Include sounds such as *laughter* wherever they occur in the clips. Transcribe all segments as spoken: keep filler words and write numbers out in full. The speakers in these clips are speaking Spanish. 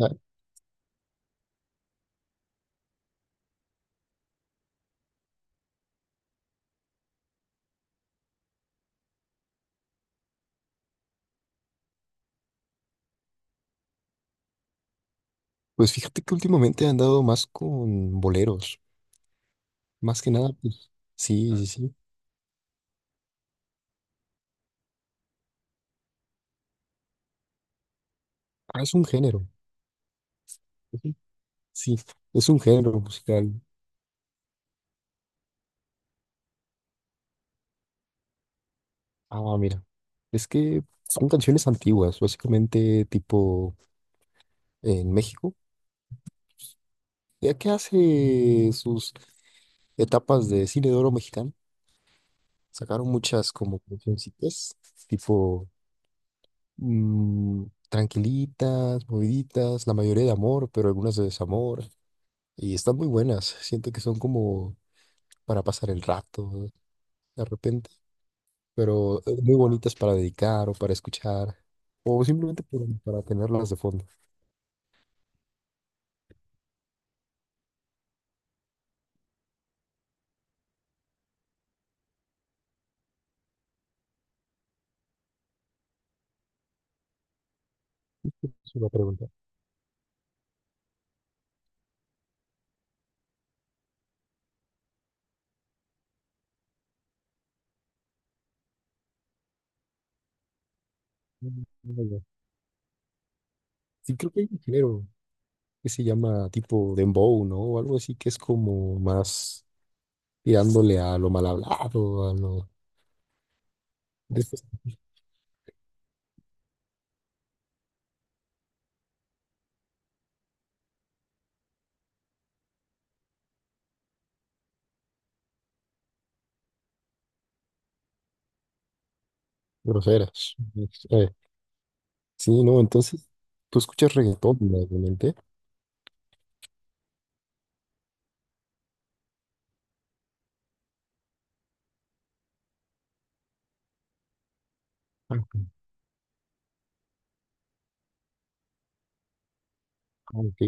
Ah, Pues fíjate que últimamente he andado más con boleros. Más que nada, pues sí, sí, sí. Ah, es un género. es un- Sí, es un género musical. Ah, mira. Es que son canciones antiguas, básicamente tipo en México. Ya que hace sus etapas de cine de oro mexicano, sacaron muchas como cancioncitas, tipo mm, tranquilitas, moviditas, la mayoría de amor, pero algunas de desamor. Y están muy buenas. Siento que son como para pasar el rato de repente, pero eh, muy bonitas para dedicar o para escuchar, o simplemente para, para tenerlas de fondo. Es una pregunta. Mm, no, ya. Sí, creo que hay un género que se llama tipo dembow, ¿no? O algo así que es como más tirándole a lo mal hablado, a lo de estas groseras. Eh, sí, ¿no? Entonces, tú escuchas reggaetón, obviamente. Ah, Ok,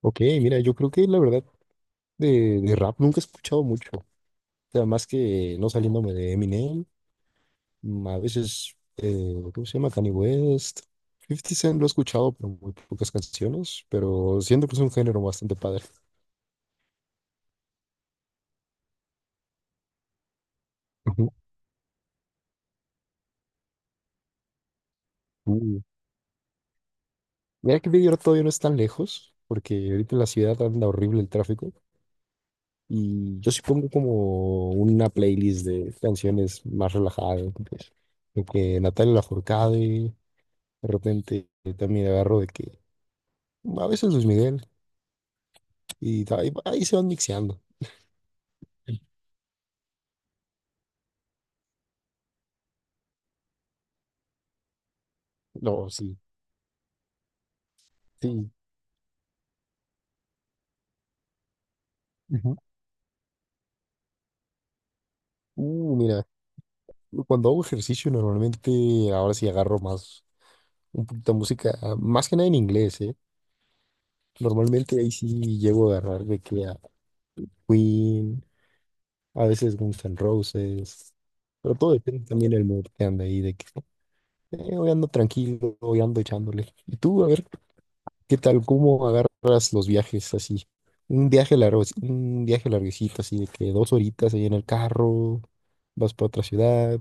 ok, mira, yo creo que la verdad de, de rap nunca he escuchado mucho. Sea, más que no saliéndome de Eminem, mm, a veces, eh, ¿cómo se llama? Kanye West. Fifty Cent lo he escuchado, pero muy pocas canciones, pero siento que es un género bastante padre. Ujú. Uh, Mira que Big Air todavía no es tan lejos, porque ahorita en la ciudad anda horrible el tráfico. Y yo sí pongo como una playlist de canciones más relajadas, ¿no? Pues, de que Natalia Lafourcade, de repente eh, también agarro de que a veces Luis Miguel, y ahí, ahí se van mixeando. No, sí, sí. Ujú. Uh, mira, cuando hago ejercicio normalmente ahora sí agarro más, un poquito de música, ah, más que nada en inglés, ¿eh? Normalmente ahí sí llego a agarrar de que a Queen, a veces Guns N' Roses, pero todo depende también del mood que anda ahí, de que eh, hoy ando tranquilo, hoy ando echándole. Y tú, a ver, ¿qué tal? ¿Cómo agarras los viajes así? Un viaje largo, un viaje larguecito, así de que dos horitas ahí en el carro, vas para otra ciudad.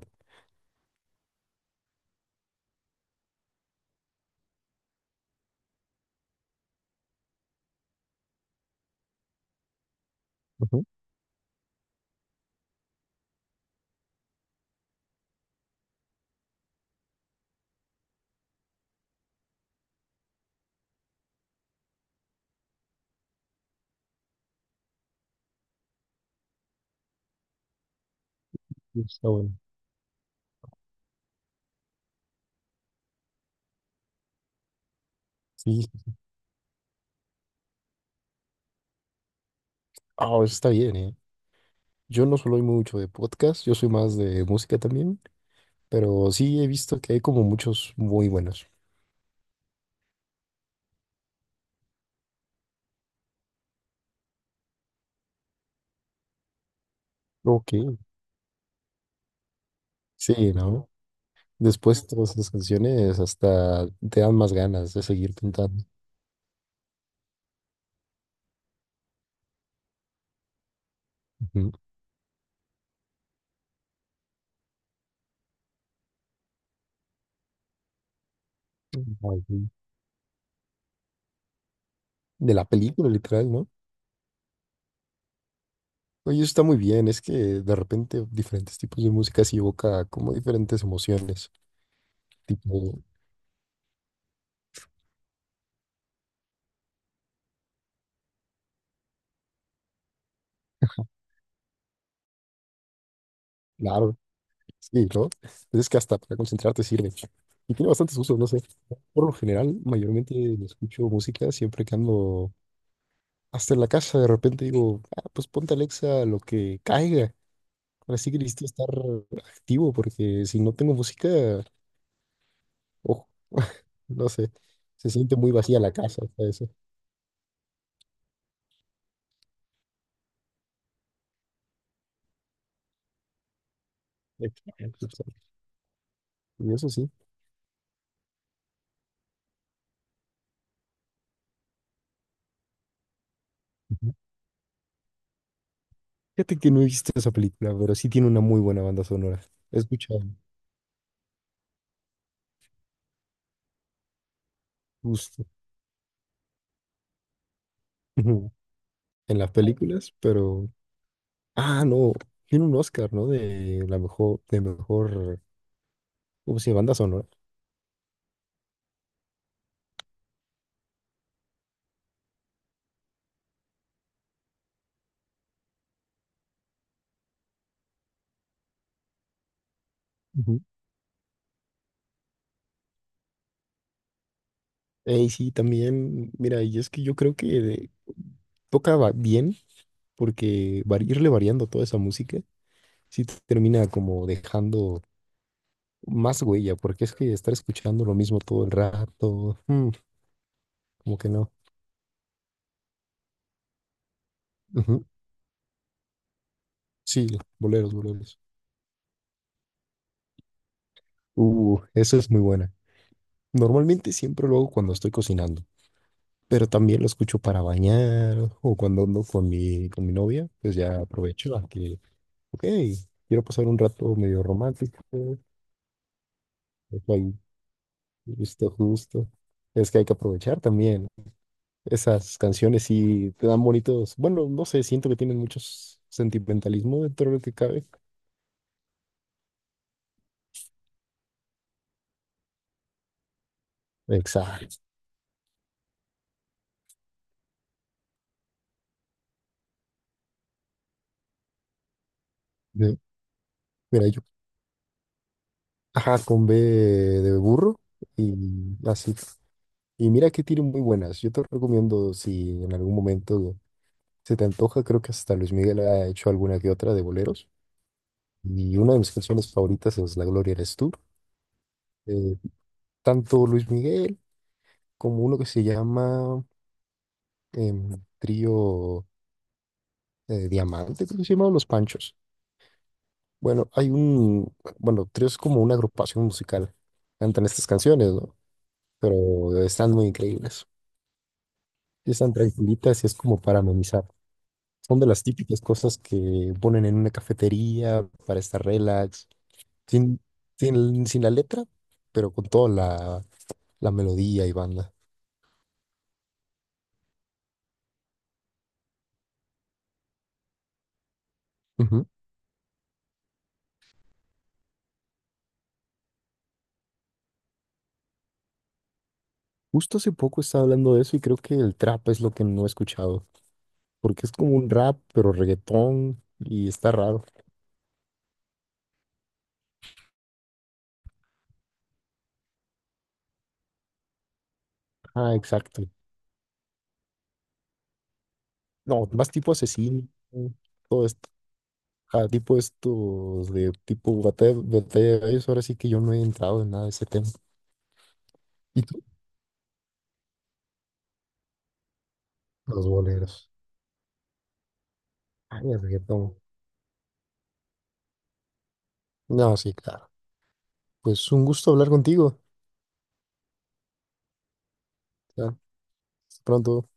Ujú. Está bueno. Sí, ah, eso está bien, ¿eh? Yo no soy mucho de podcast, yo soy más de música también, pero sí he visto que hay como muchos muy buenos. Ok. Sí, ¿no? Después todas esas canciones hasta te dan más ganas de seguir cantando. Ujú. Ay, sí. De la película, literal, ¿no? Oye, eso está muy bien, es que de repente diferentes tipos de música sí evoca como diferentes emociones, tipo, claro. Sí, ¿no? Pues es que hasta para concentrarte sirve. Y tiene bastantes usos, no sé. Por lo general, mayormente escucho música siempre que ando hasta en la casa. De repente digo, ah, pues ponte Alexa lo que caiga. Ahora sí que necesito estar activo porque si no tengo música, ojo, *laughs* no sé. Se siente muy vacía la casa, hasta eso. Exacto, exacto. Y eso sí. Ujú. Fíjate que no he visto esa película, pero sí tiene una muy buena banda sonora. He escuchado justo *laughs* en las películas, pero ah, no. Tiene un Oscar, ¿no? De la mejor, de mejor, ¿cómo se llama? Banda sonora. Ujú. Eh, sí, también, mira, y es que yo creo que de- toca va- bien porque vari- irle variando toda esa música sí te termina como dejando más huella, porque es que estar escuchando lo mismo todo el rato, mm, como que no. Ujú, sí, boleros, boleros. Uh, eso es muy buena. Normalmente siempre lo hago cuando estoy cocinando. Pero también lo escucho para bañar o cuando ando con mi, con mi novia, pues ya aprovecho a que, ok, quiero pasar un rato medio romántico, dejo ahí justo, justo. Es que hay que aprovechar también. Esas canciones sí te dan bonitos, bueno, no sé, siento que tienen muchos sentimentalismo dentro de lo que cabe. Exacto. de- Mira, yo, ajá, con B de burro y así. Y mira que tiene muy buenas. Yo te recomiendo si en algún momento se te antoja, creo que hasta Luis Miguel ha hecho alguna que otra de boleros. Y una de mis canciones favoritas es La Gloria eres tú. Eh, tanto Luis Miguel como uno que se llama em, Trío eh, Diamante, creo que se llama Los Panchos. Bueno, hay un, bueno, Trío es como una agrupación musical. Cantan estas canciones, ¿no? Pero están muy increíbles. Y están tranquilitas y es como para amenizar. Son de las típicas cosas que ponen en una cafetería para estar relax Sin, sin, sin la letra, pero con toda la, la melodía y banda. Ujú. Justo hace poco estaba hablando de eso y creo que el trap es lo que no he escuchado, porque es como un rap, pero reggaetón y está raro. Ah, exacto. No, más tipo asesino, todo esto. Ah, tipo estos de tipo batalla, batalla de gallos, ahora sí que yo no he entrado en nada de ese tema. ¿Y tú? Los boleros. Ah, el reggaetón. No, sí, claro. Pues un gusto hablar contigo. Ya, hasta pronto.